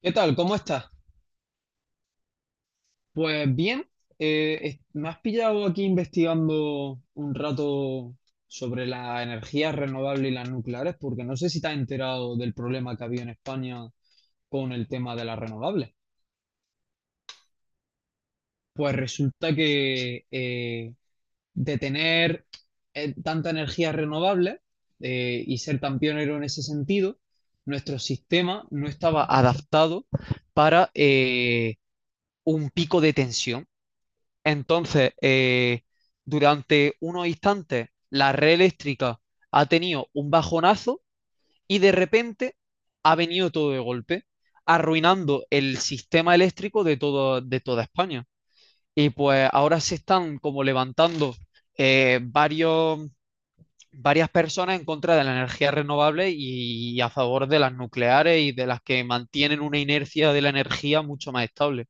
¿Qué tal? ¿Cómo estás? Pues bien, me has pillado aquí investigando un rato sobre las energías renovables y las nucleares, porque no sé si te has enterado del problema que había en España con el tema de las renovables. Pues resulta que de tener tanta energía renovable y ser tan pionero en ese sentido, nuestro sistema no estaba adaptado para un pico de tensión. Entonces, durante unos instantes, la red eléctrica ha tenido un bajonazo y de repente ha venido todo de golpe, arruinando el sistema eléctrico de toda España. Y pues ahora se están como levantando eh, varios, varias personas en contra de la energía renovable y a favor de las nucleares y de las que mantienen una inercia de la energía mucho más estable.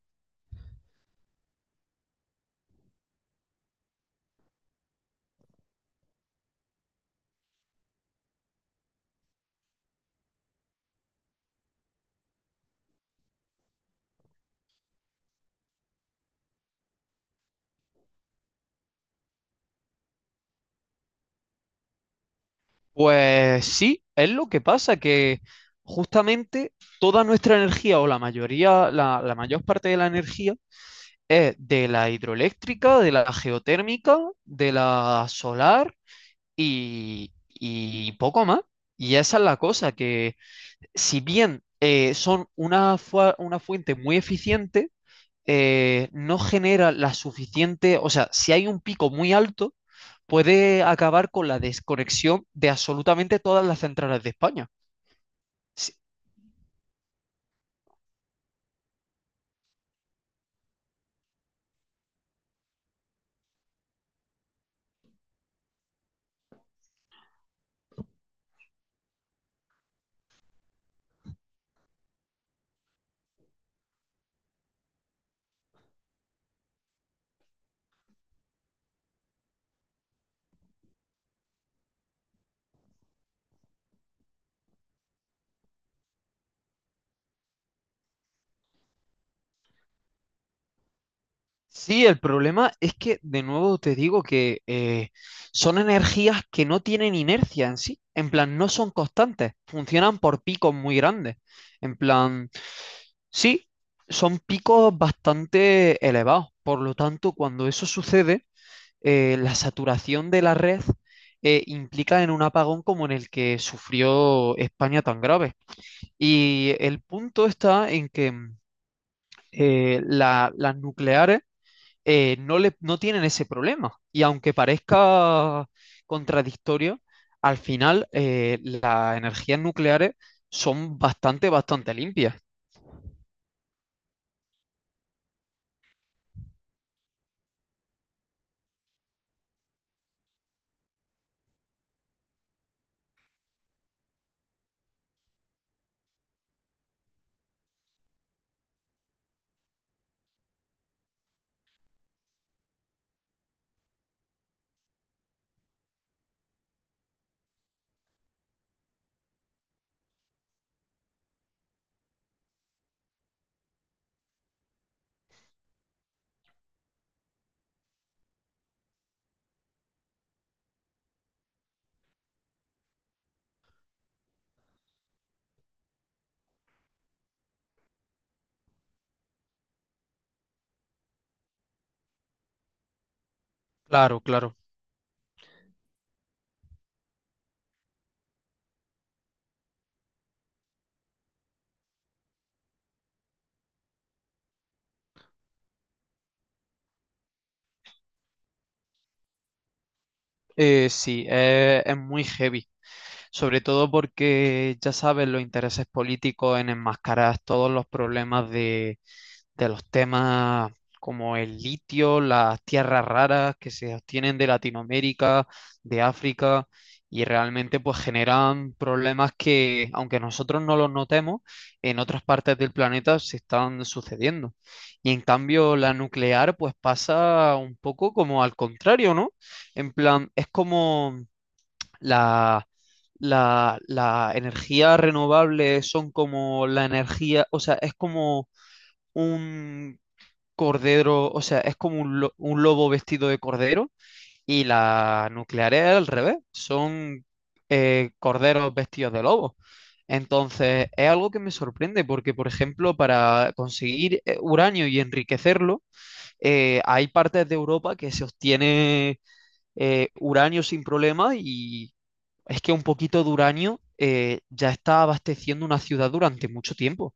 Pues sí, es lo que pasa, que justamente toda nuestra energía o la mayoría, la mayor parte de la energía es de la hidroeléctrica, de la geotérmica, de la solar y poco más. Y esa es la cosa, que si bien son una, una fuente muy eficiente, no genera la suficiente, o sea, si hay un pico muy alto, puede acabar con la desconexión de absolutamente todas las centrales de España. Sí, sí, el problema es que, de nuevo te digo que son energías que no tienen inercia en sí, en plan, no son constantes, funcionan por picos muy grandes, en plan, sí, son picos bastante elevados, por lo tanto, cuando eso sucede la saturación de la red implica en un apagón como en el que sufrió España tan grave. Y el punto está en que las nucleares no tienen ese problema. Y aunque parezca contradictorio, al final las energías nucleares son bastante, bastante limpias. Claro, claro. Sí, es muy heavy, sobre todo porque ya sabes los intereses políticos en enmascarar todos los problemas de los temas como el litio, las tierras raras que se obtienen de Latinoamérica, de África, y realmente pues generan problemas que, aunque nosotros no los notemos, en otras partes del planeta se están sucediendo. Y en cambio la nuclear pues pasa un poco como al contrario, ¿no? En plan, es como la... la energía renovable son como la energía, o sea, es como un cordero, o sea, es como un lobo vestido de cordero y la nuclear es al revés, son corderos vestidos de lobo. Entonces, es algo que me sorprende porque, por ejemplo, para conseguir uranio y enriquecerlo, hay partes de Europa que se obtiene uranio sin problema y es que un poquito de uranio ya está abasteciendo una ciudad durante mucho tiempo.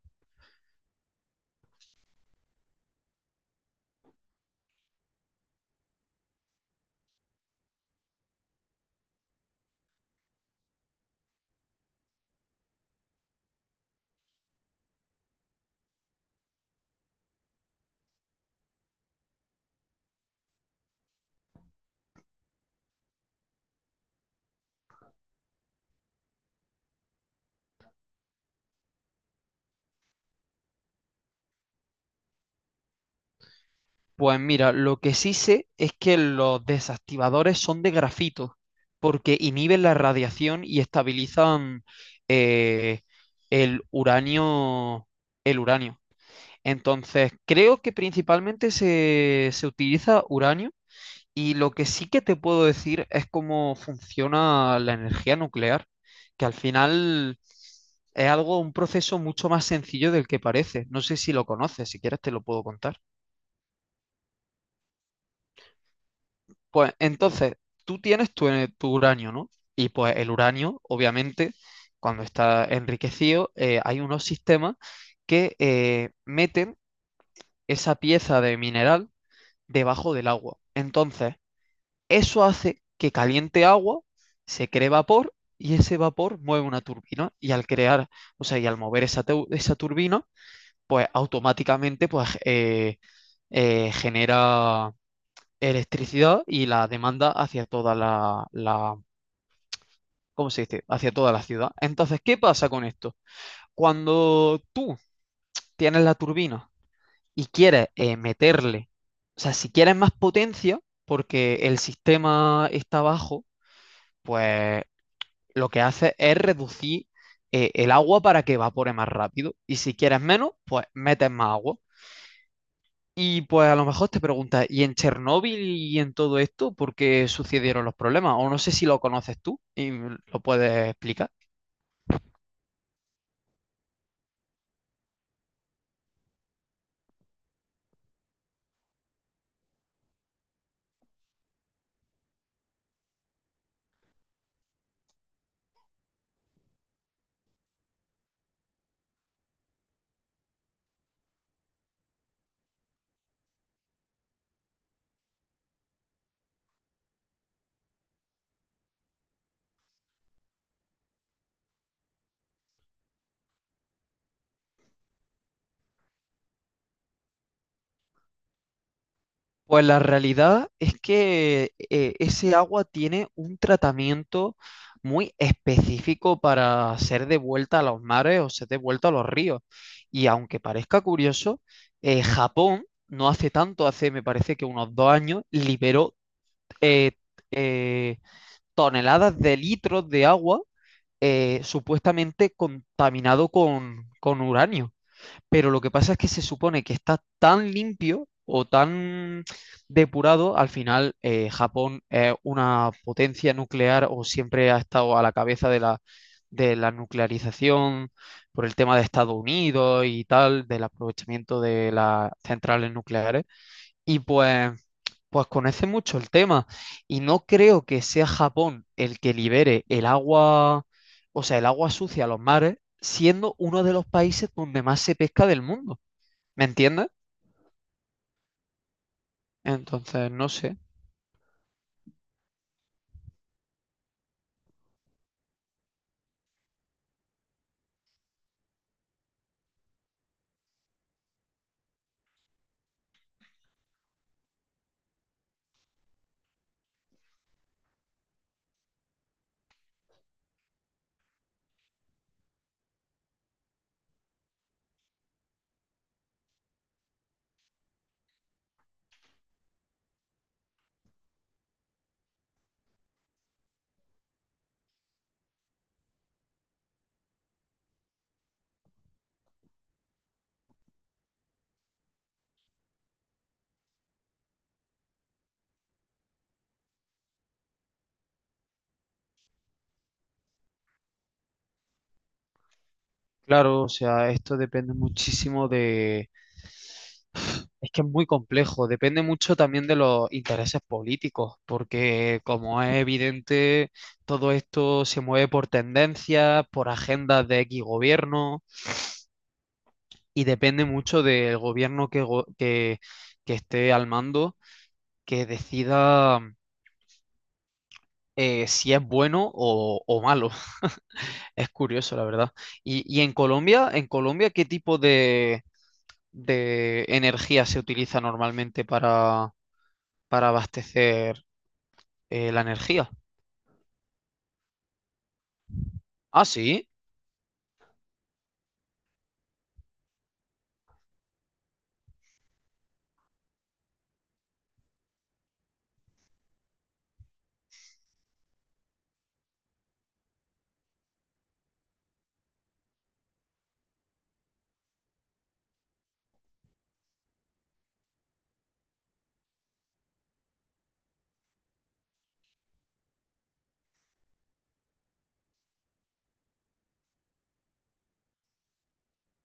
Pues mira, lo que sí sé es que los desactivadores son de grafito, porque inhiben la radiación y estabilizan eh, el uranio, el uranio. Entonces, creo que principalmente se utiliza uranio y lo que sí que te puedo decir es cómo funciona la energía nuclear, que al final es algo, un proceso mucho más sencillo del que parece. No sé si lo conoces, si quieres te lo puedo contar. Pues entonces, tú tienes tu uranio, ¿no? Y pues el uranio, obviamente, cuando está enriquecido, hay unos sistemas que meten esa pieza de mineral debajo del agua. Entonces, eso hace que caliente agua, se cree vapor y ese vapor mueve una turbina. Y al crear, o sea, y al mover esa turbina, pues automáticamente pues genera electricidad y la demanda hacia toda la ¿cómo se dice? Hacia toda la ciudad. Entonces, ¿qué pasa con esto? Cuando tú tienes la turbina y quieres meterle, o sea, si quieres más potencia, porque el sistema está bajo, pues lo que hace es reducir el agua para que evapore más rápido. Y si quieres menos, pues metes más agua. Y pues a lo mejor te preguntas, ¿y en Chernóbil y en todo esto por qué sucedieron los problemas? O no sé si lo conoces tú y lo puedes explicar. Pues la realidad es que ese agua tiene un tratamiento muy específico para ser devuelta a los mares o ser devuelta a los ríos. Y aunque parezca curioso, Japón no hace tanto, hace me parece que unos 2 años, liberó eh, eh, toneladas de litros de agua supuestamente contaminado con uranio, pero lo que pasa es que se supone que está tan limpio o tan depurado, al final Japón es una potencia nuclear o siempre ha estado a la cabeza de de la nuclearización por el tema de Estados Unidos y tal, del aprovechamiento de las centrales nucleares. Y pues conoce mucho el tema. Y no creo que sea Japón el que libere el agua, o sea, el agua sucia a los mares, siendo uno de los países donde más se pesca del mundo. ¿Me entiendes? Entonces, no sé. Claro, o sea, esto depende muchísimo de... Es que es muy complejo, depende mucho también de los intereses políticos, porque como es evidente, todo esto se mueve por tendencias, por agendas de X gobierno, y depende mucho del gobierno que que esté al mando, que decida si es bueno o malo. Es curioso, la verdad. Y en Colombia, ¿qué tipo de energía se utiliza normalmente para abastecer la energía? Ah, sí.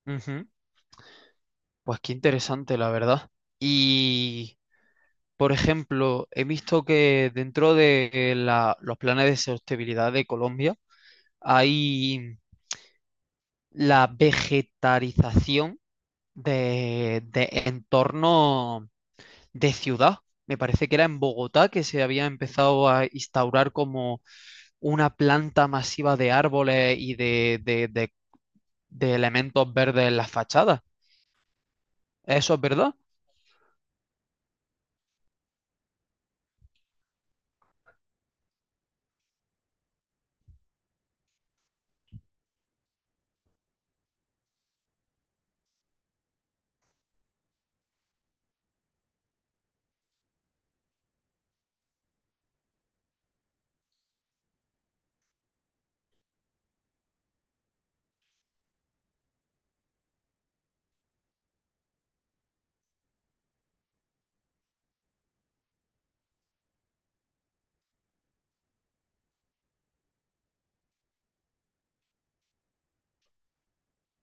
Ujú. Pues qué interesante, la verdad. Y, por ejemplo, he visto que dentro de los planes de sostenibilidad de Colombia hay la vegetarización de entorno de ciudad. Me parece que era en Bogotá que se había empezado a instaurar como una planta masiva de árboles y de elementos verdes en las fachadas. ¿Eso es verdad?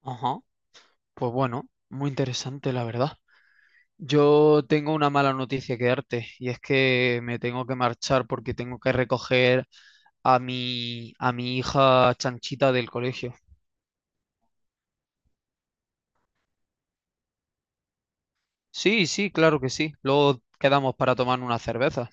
Ajá. Pues bueno, muy interesante, la verdad. Yo tengo una mala noticia que darte y es que me tengo que marchar porque tengo que recoger a a mi hija Chanchita del colegio. Sí, sí, claro que sí. Luego quedamos para tomar una cerveza.